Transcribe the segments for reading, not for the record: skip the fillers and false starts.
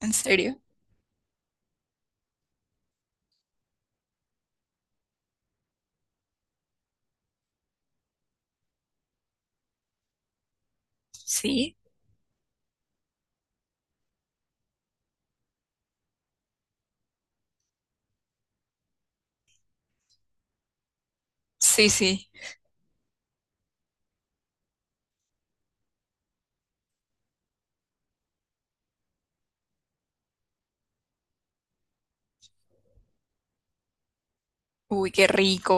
¿En serio? Sí, sí, sí. Uy, qué rico.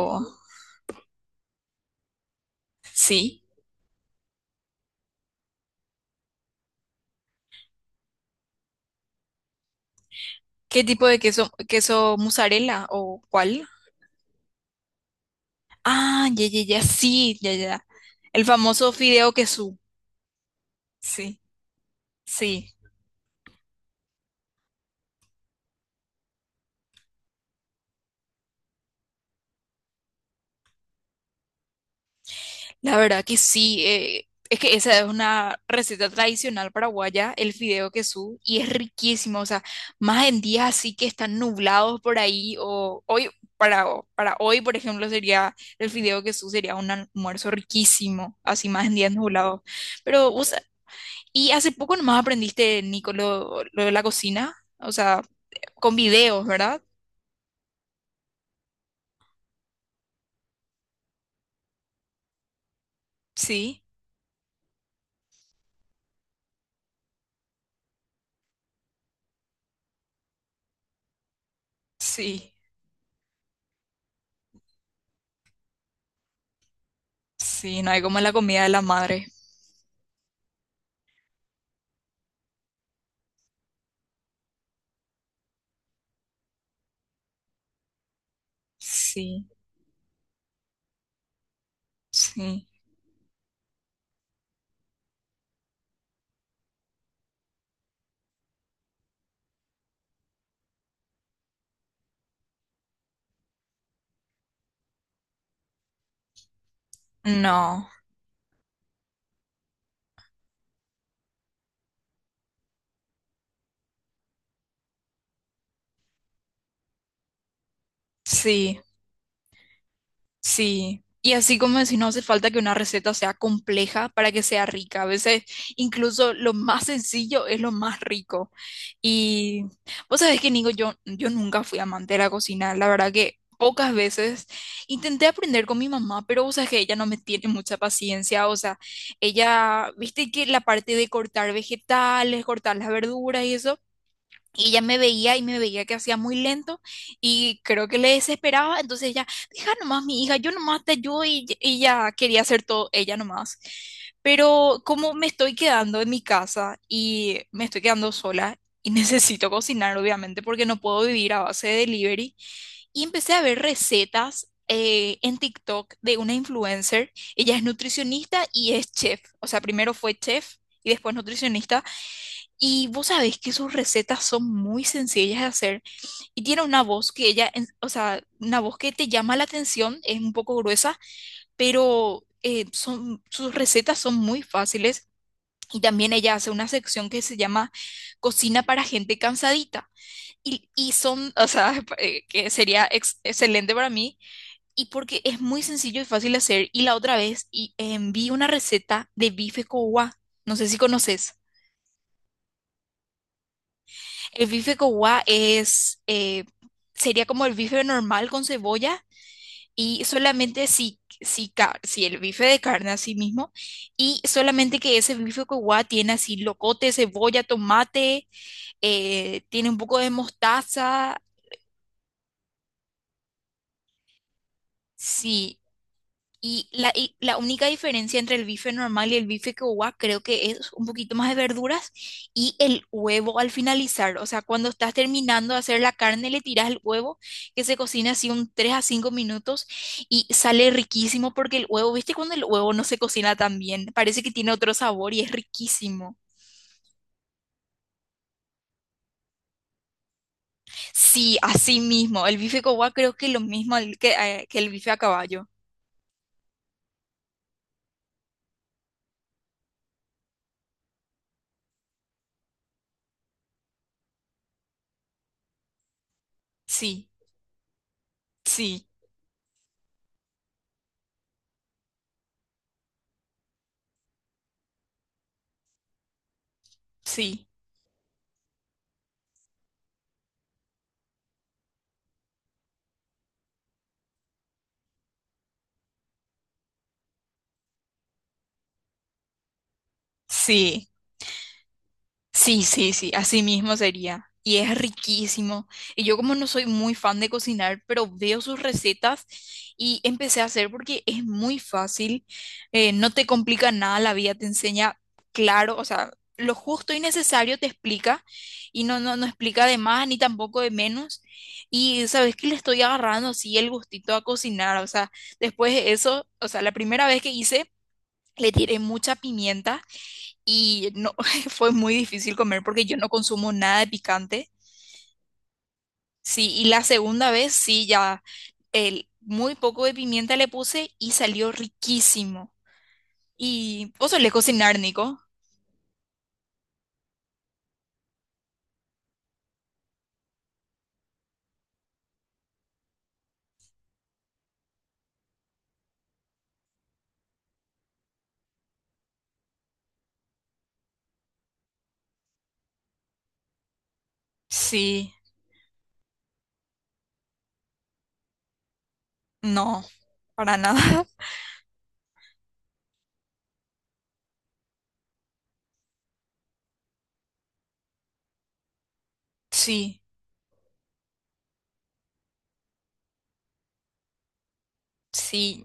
Sí. ¿Qué tipo de queso? ¿Queso mozzarella o cuál? Ah, ya, ya, ya, sí, ya, ya. El famoso fideo queso. Sí, sí. La verdad que sí, es que esa es una receta tradicional paraguaya, el fideo quesú, y es riquísimo, o sea, más en días así que están nublados por ahí, o hoy, para hoy, por ejemplo, sería el fideo quesú, sería un almuerzo riquísimo, así más en días nublados. Pero, o sea, y hace poco nomás aprendiste, Nico, lo de la cocina, o sea, con videos, ¿verdad? Sí, sí, sí, no hay como la comida de la madre, sí, sí. No. Sí, sí. Y así como decís, no hace falta que una receta sea compleja para que sea rica. A veces incluso lo más sencillo es lo más rico. Y vos sabés que, Nico, yo nunca fui amante de la cocina. La verdad que pocas veces intenté aprender con mi mamá, pero vos sabés que ella no me tiene mucha paciencia. O sea, ella, viste que la parte de cortar vegetales, cortar las verduras y eso. Y ella me veía y me veía que hacía muy lento y creo que le desesperaba. Entonces ella, deja nomás mi hija, yo nomás te ayudo y ella quería hacer todo ella nomás. Pero como me estoy quedando en mi casa y me estoy quedando sola y necesito cocinar, obviamente, porque no puedo vivir a base de delivery, y empecé a ver recetas en TikTok de una influencer. Ella es nutricionista y es chef. O sea, primero fue chef y después nutricionista. Y vos sabés que sus recetas son muy sencillas de hacer y tiene una voz que ella, o sea, una voz que te llama la atención, es un poco gruesa, pero sus recetas son muy fáciles y también ella hace una sección que se llama Cocina para gente cansadita y son, o sea, que sería excelente para mí porque es muy sencillo y fácil de hacer. Y la otra vez vi una receta de bife cowa, no sé si conoces. El bife con es, sería como el bife normal con cebolla, y solamente si el bife de carne así mismo, y solamente que ese bife con tiene así locote, cebolla, tomate, tiene un poco de mostaza, sí. Y la única diferencia entre el bife normal y el bife quechua creo que es un poquito más de verduras y el huevo al finalizar. O sea, cuando estás terminando de hacer la carne, le tiras el huevo que se cocina así un 3 a 5 minutos y sale riquísimo porque el huevo, ¿viste cuando el huevo no se cocina tan bien? Parece que tiene otro sabor y es riquísimo. Sí, así mismo. El bife quechua creo que es lo mismo al que el bife a caballo. Sí, sí, sí, sí. Sí, sí, sí, así mismo sería. Y es riquísimo. Y yo como no soy muy fan de cocinar, pero veo sus recetas y empecé a hacer porque es muy fácil, no te complica nada, la vida te enseña, claro, o sea, lo justo y necesario te explica y no, no, no explica de más ni tampoco de menos. Y sabes que le estoy agarrando así el gustito a cocinar, o sea, después de eso, o sea, la primera vez que hice, le tiré mucha pimienta y no, fue muy difícil comer porque yo no consumo nada de picante. Sí, y la segunda vez sí, ya muy poco de pimienta le puse y salió riquísimo. ¿Y vos solés cocinar, Nico? Sí, no, para nada. Sí, sí,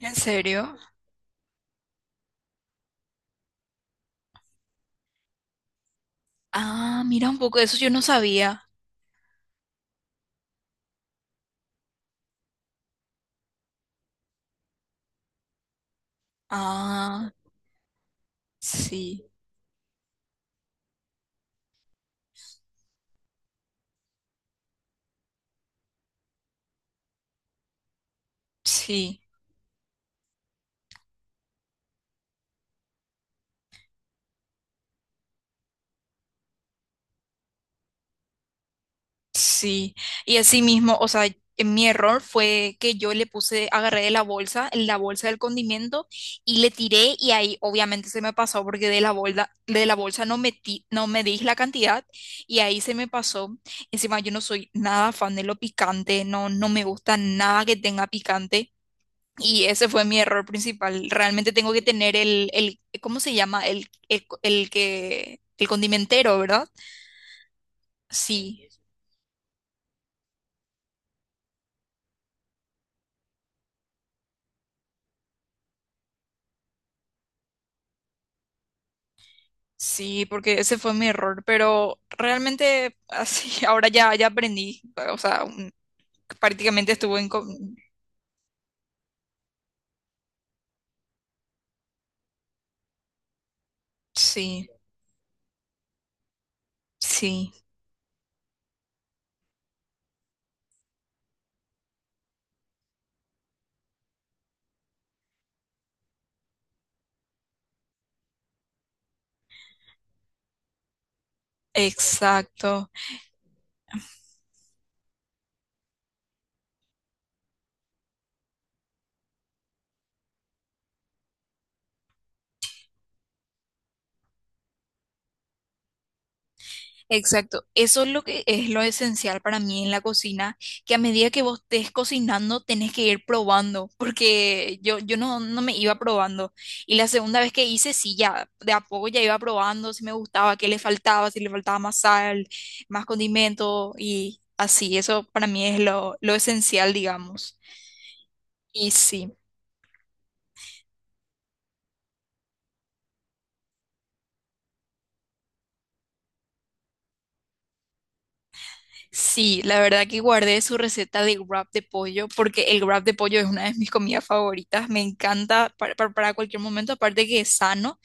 ¿en serio? Ah, mira un poco, eso yo no sabía. Ah, sí, sí. Sí, y así mismo, o sea, en mi error fue que yo le puse, agarré de la bolsa del condimento y le tiré, y ahí obviamente se me pasó porque de la bolsa no metí, no me di la cantidad y ahí se me pasó. Encima yo no soy nada fan de lo picante, no, no me gusta nada que tenga picante, y ese fue mi error principal. Realmente tengo que tener ¿cómo se llama? El condimentero, ¿verdad? Sí. Sí, porque ese fue mi error, pero realmente así, ahora ya, ya aprendí, o sea, prácticamente estuve en... co- Sí, sí, exacto. Exacto, eso es lo que es lo esencial para mí en la cocina, que a medida que vos estés cocinando tenés que ir probando, porque yo no, no me iba probando. Y la segunda vez que hice, sí, ya de a poco ya iba probando si me gustaba, qué le faltaba, si le faltaba más sal, más condimento y así, eso para mí es lo esencial, digamos. Y sí. Sí, la verdad que guardé su receta de wrap de pollo porque el wrap de pollo es una de mis comidas favoritas, me encanta para, para cualquier momento, aparte que es sano.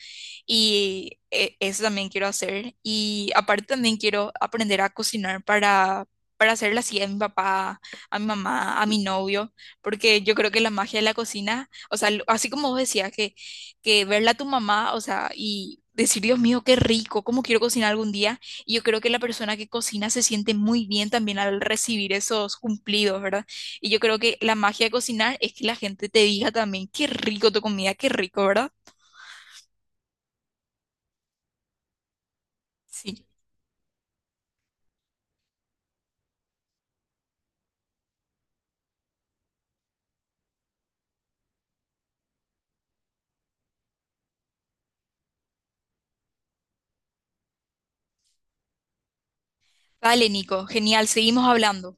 Y eso también quiero hacer. Y aparte también quiero aprender a cocinar para hacerle así a mi papá, a mi mamá, a mi novio, porque yo creo que la magia de la cocina, o sea, así como vos decías, que verla a tu mamá, o sea, y decir, Dios mío, qué rico, cómo quiero cocinar algún día. Y yo creo que la persona que cocina se siente muy bien también al recibir esos cumplidos, ¿verdad? Y yo creo que la magia de cocinar es que la gente te diga también, qué rico tu comida, qué rico, ¿verdad? Sí. Vale, Nico, genial, seguimos hablando.